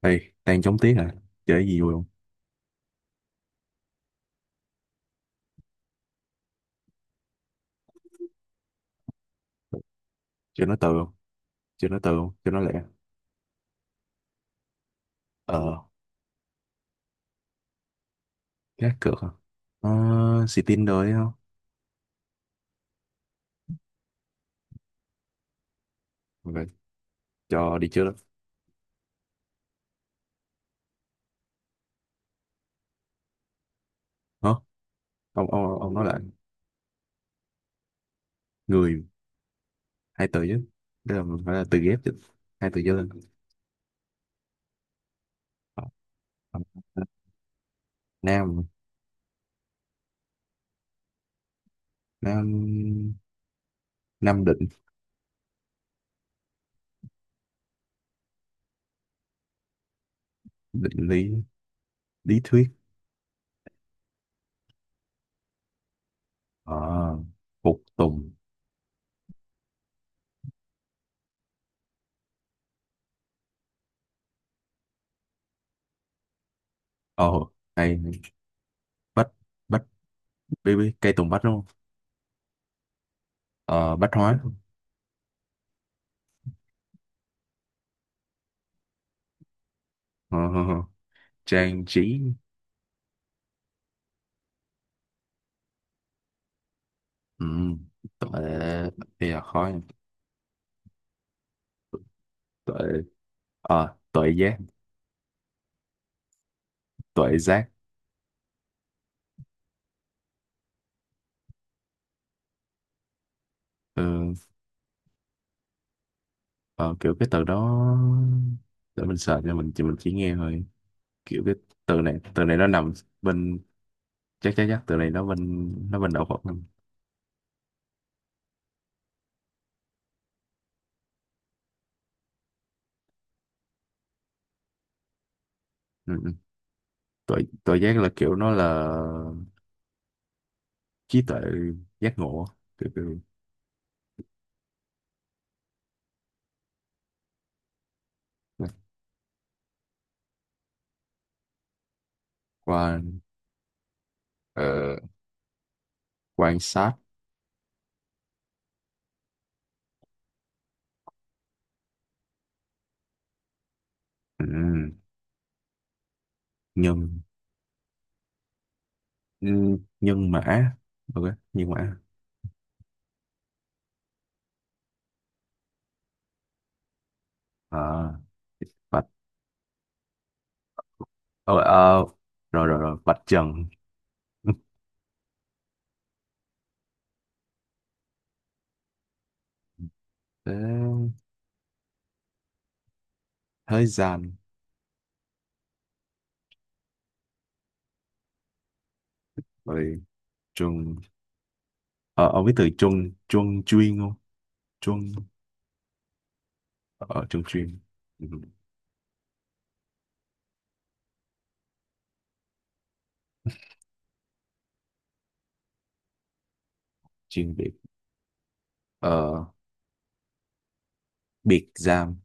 Ê, đang chống tiếng hả? Chơi cái gì vui không? Chơi nói từ không? Chơi nói từ không? Chơi nói lẹ. Ờ, gác cược hả? Ờ, xì tin rồi đấy không? Rồi, cho đi chưa? Hả? Ông nói lại. Người, hai từ chứ. Đây là phải là từ ghép chứ. Hai từ trở lên. Ờ, ờ, Nam, Nam, Nam định, định lý, lý thuyết. Ờ, phục tùng. Ồ, hay. Bách, bách, baby, cây tùng bách đúng không? Ờ, bách hóa. Ờ, ờ, ờ. Trang trí. ừ. Tội bây giờ khó nha. Tội ờ tội giác ừ. ờ, Kiểu cái từ đó, để mình sợ, cho mình chỉ, mình chỉ nghe thôi, kiểu cái, từ này nó nằm bên, chắc chắc chắc từ này nó bên, nó bên đạo Phật. Ừ. ừ. Tội, tội giác, là kiểu nó là trí tuệ, giác ngộ, kiểu. Quan, ờ, quan sát. ừ. Nhân, nhân mã. Ok, nhân mã à. Ờ, ờ, rồi rồi rồi Bạch Trần. Thế, Thế gian. Rồi Trung, ờ, ông biết từ Trung Trung chuyên không? Trung, ở Trung chuyên. ừ. Chuyên biệt, ờ, biệt giam.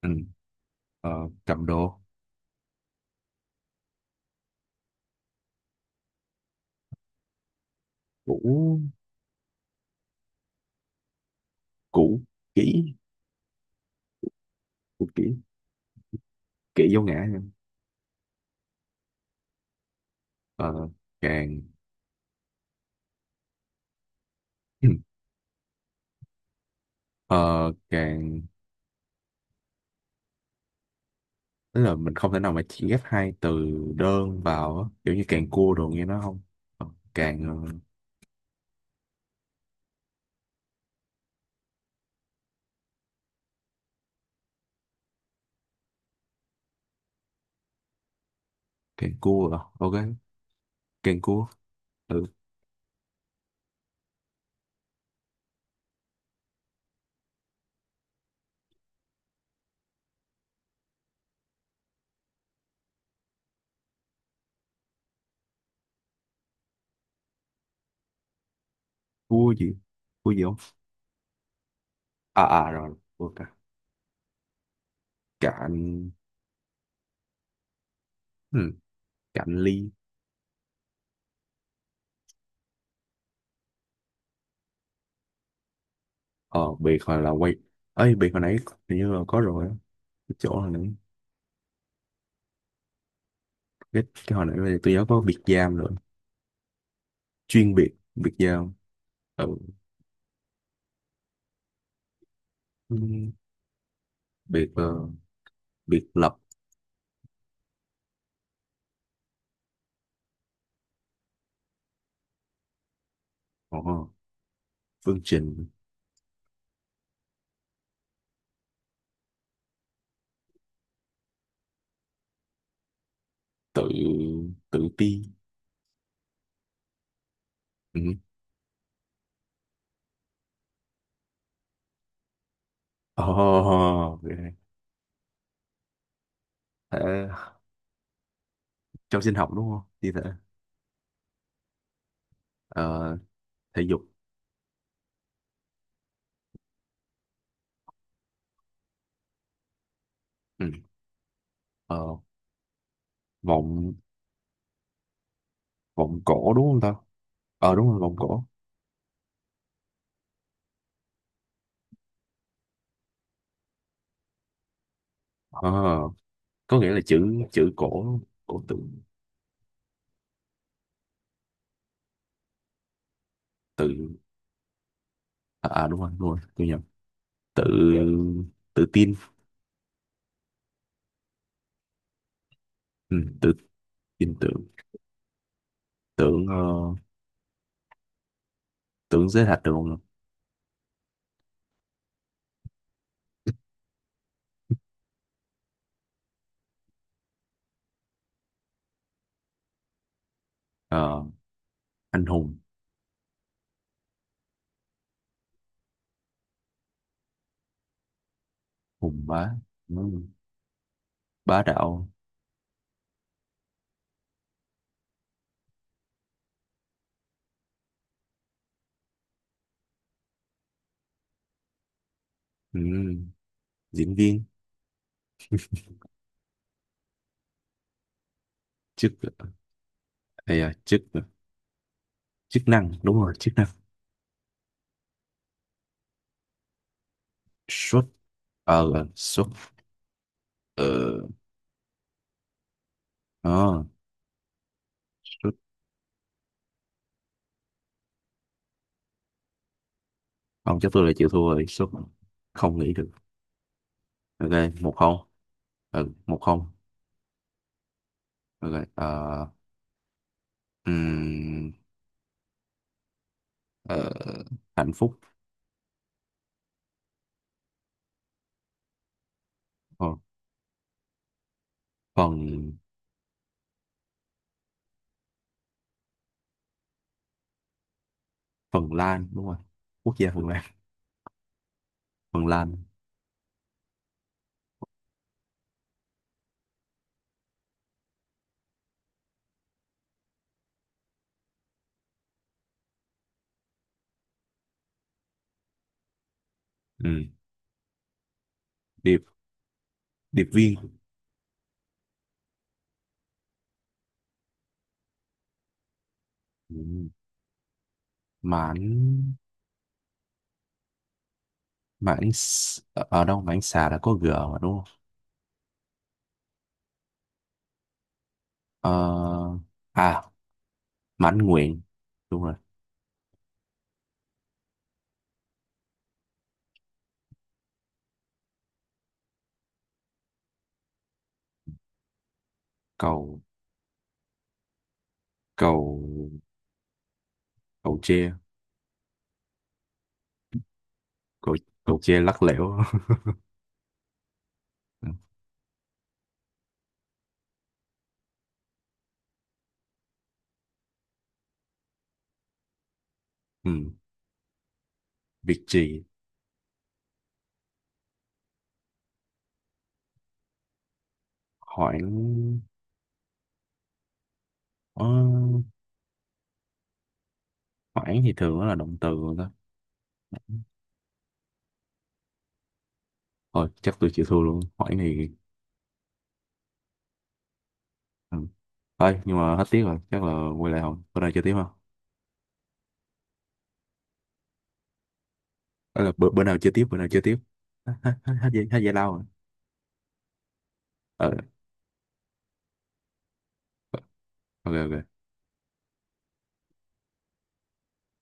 ừ. ờ, Cầm đồ cũ, cũ kỹ cũ kỹ, kỹ vô ngã. ờ, càng. ờ, Càng tức là mình không thể nào mà chỉ ghép hai từ đơn vào á, kiểu như càng cua đồ nghe nó không. Ờ, càng, càng cua à? Ok, càng cua. Ừ, cua gì, cua gì không? À à, rồi cua cả cạn. Ừ, cạn ly. Ờ biệt hồi là quay, ấy biệt hồi nãy hình như là có rồi á, cái chỗ hồi nãy, cái hồi nãy bây tôi nhớ có biệt giam rồi, chuyên biệt, biệt giam. ừ. Ừ, biệt, biệt lập. ờ, phương trình. Tự, tự ti. ừ. Oh, thể, trong sinh học đúng không, thi thể. ờ, thể dục. ừ. ờ, Vọng, vọng cổ đúng không ta? Ờ đúng rồi, vọng cổ. Ờ, có nghĩa là chữ, chữ cổ, cổ tự. Tự, à à đúng rồi đúng rồi, tôi nhầm. Tự, tự tin. Ừ, tự, tin tưởng. tưởng ờ, Tưởng giới hạt được không? Ờ, anh hùng, hùng bá. Ừ, bá đạo. Ừ, diễn viên. Chức, hay là chức, chức năng, đúng rồi chức năng. Xuất, xuất, ờ ờ, xuất, không chắc, tôi lại chịu thua rồi. Xuất, không nghĩ được. Ok, một không. Ừ, một không. Ok, Ừm, ờ, hạnh phúc. ờ, Phần, Phần Lan đúng rồi, quốc gia Phần Lan. Phần Lan. Ừm, Điệp, điệp viên. Ừm, Mãn, ở đâu mãn xà là có g mà đúng không? Ờ, à mãn nguyện, đúng rồi. Cầu, cầu cầu tre. Cầu Cầu tre lắc lẻo. ừ. Việc gì? Hoãn, ờ, hoãn thì thường nó là động từ rồi đó. Thôi chắc tôi chịu thua luôn, hoãn thì. ừ. Thôi nhưng mà hết tiếng rồi, chắc là quay lại không? Bữa nào chơi tiếp không? Đó là bữa nào chơi tiếp, bữa nào chơi tiếp. hết hết hết giải lao rồi. Ờ, ok ok.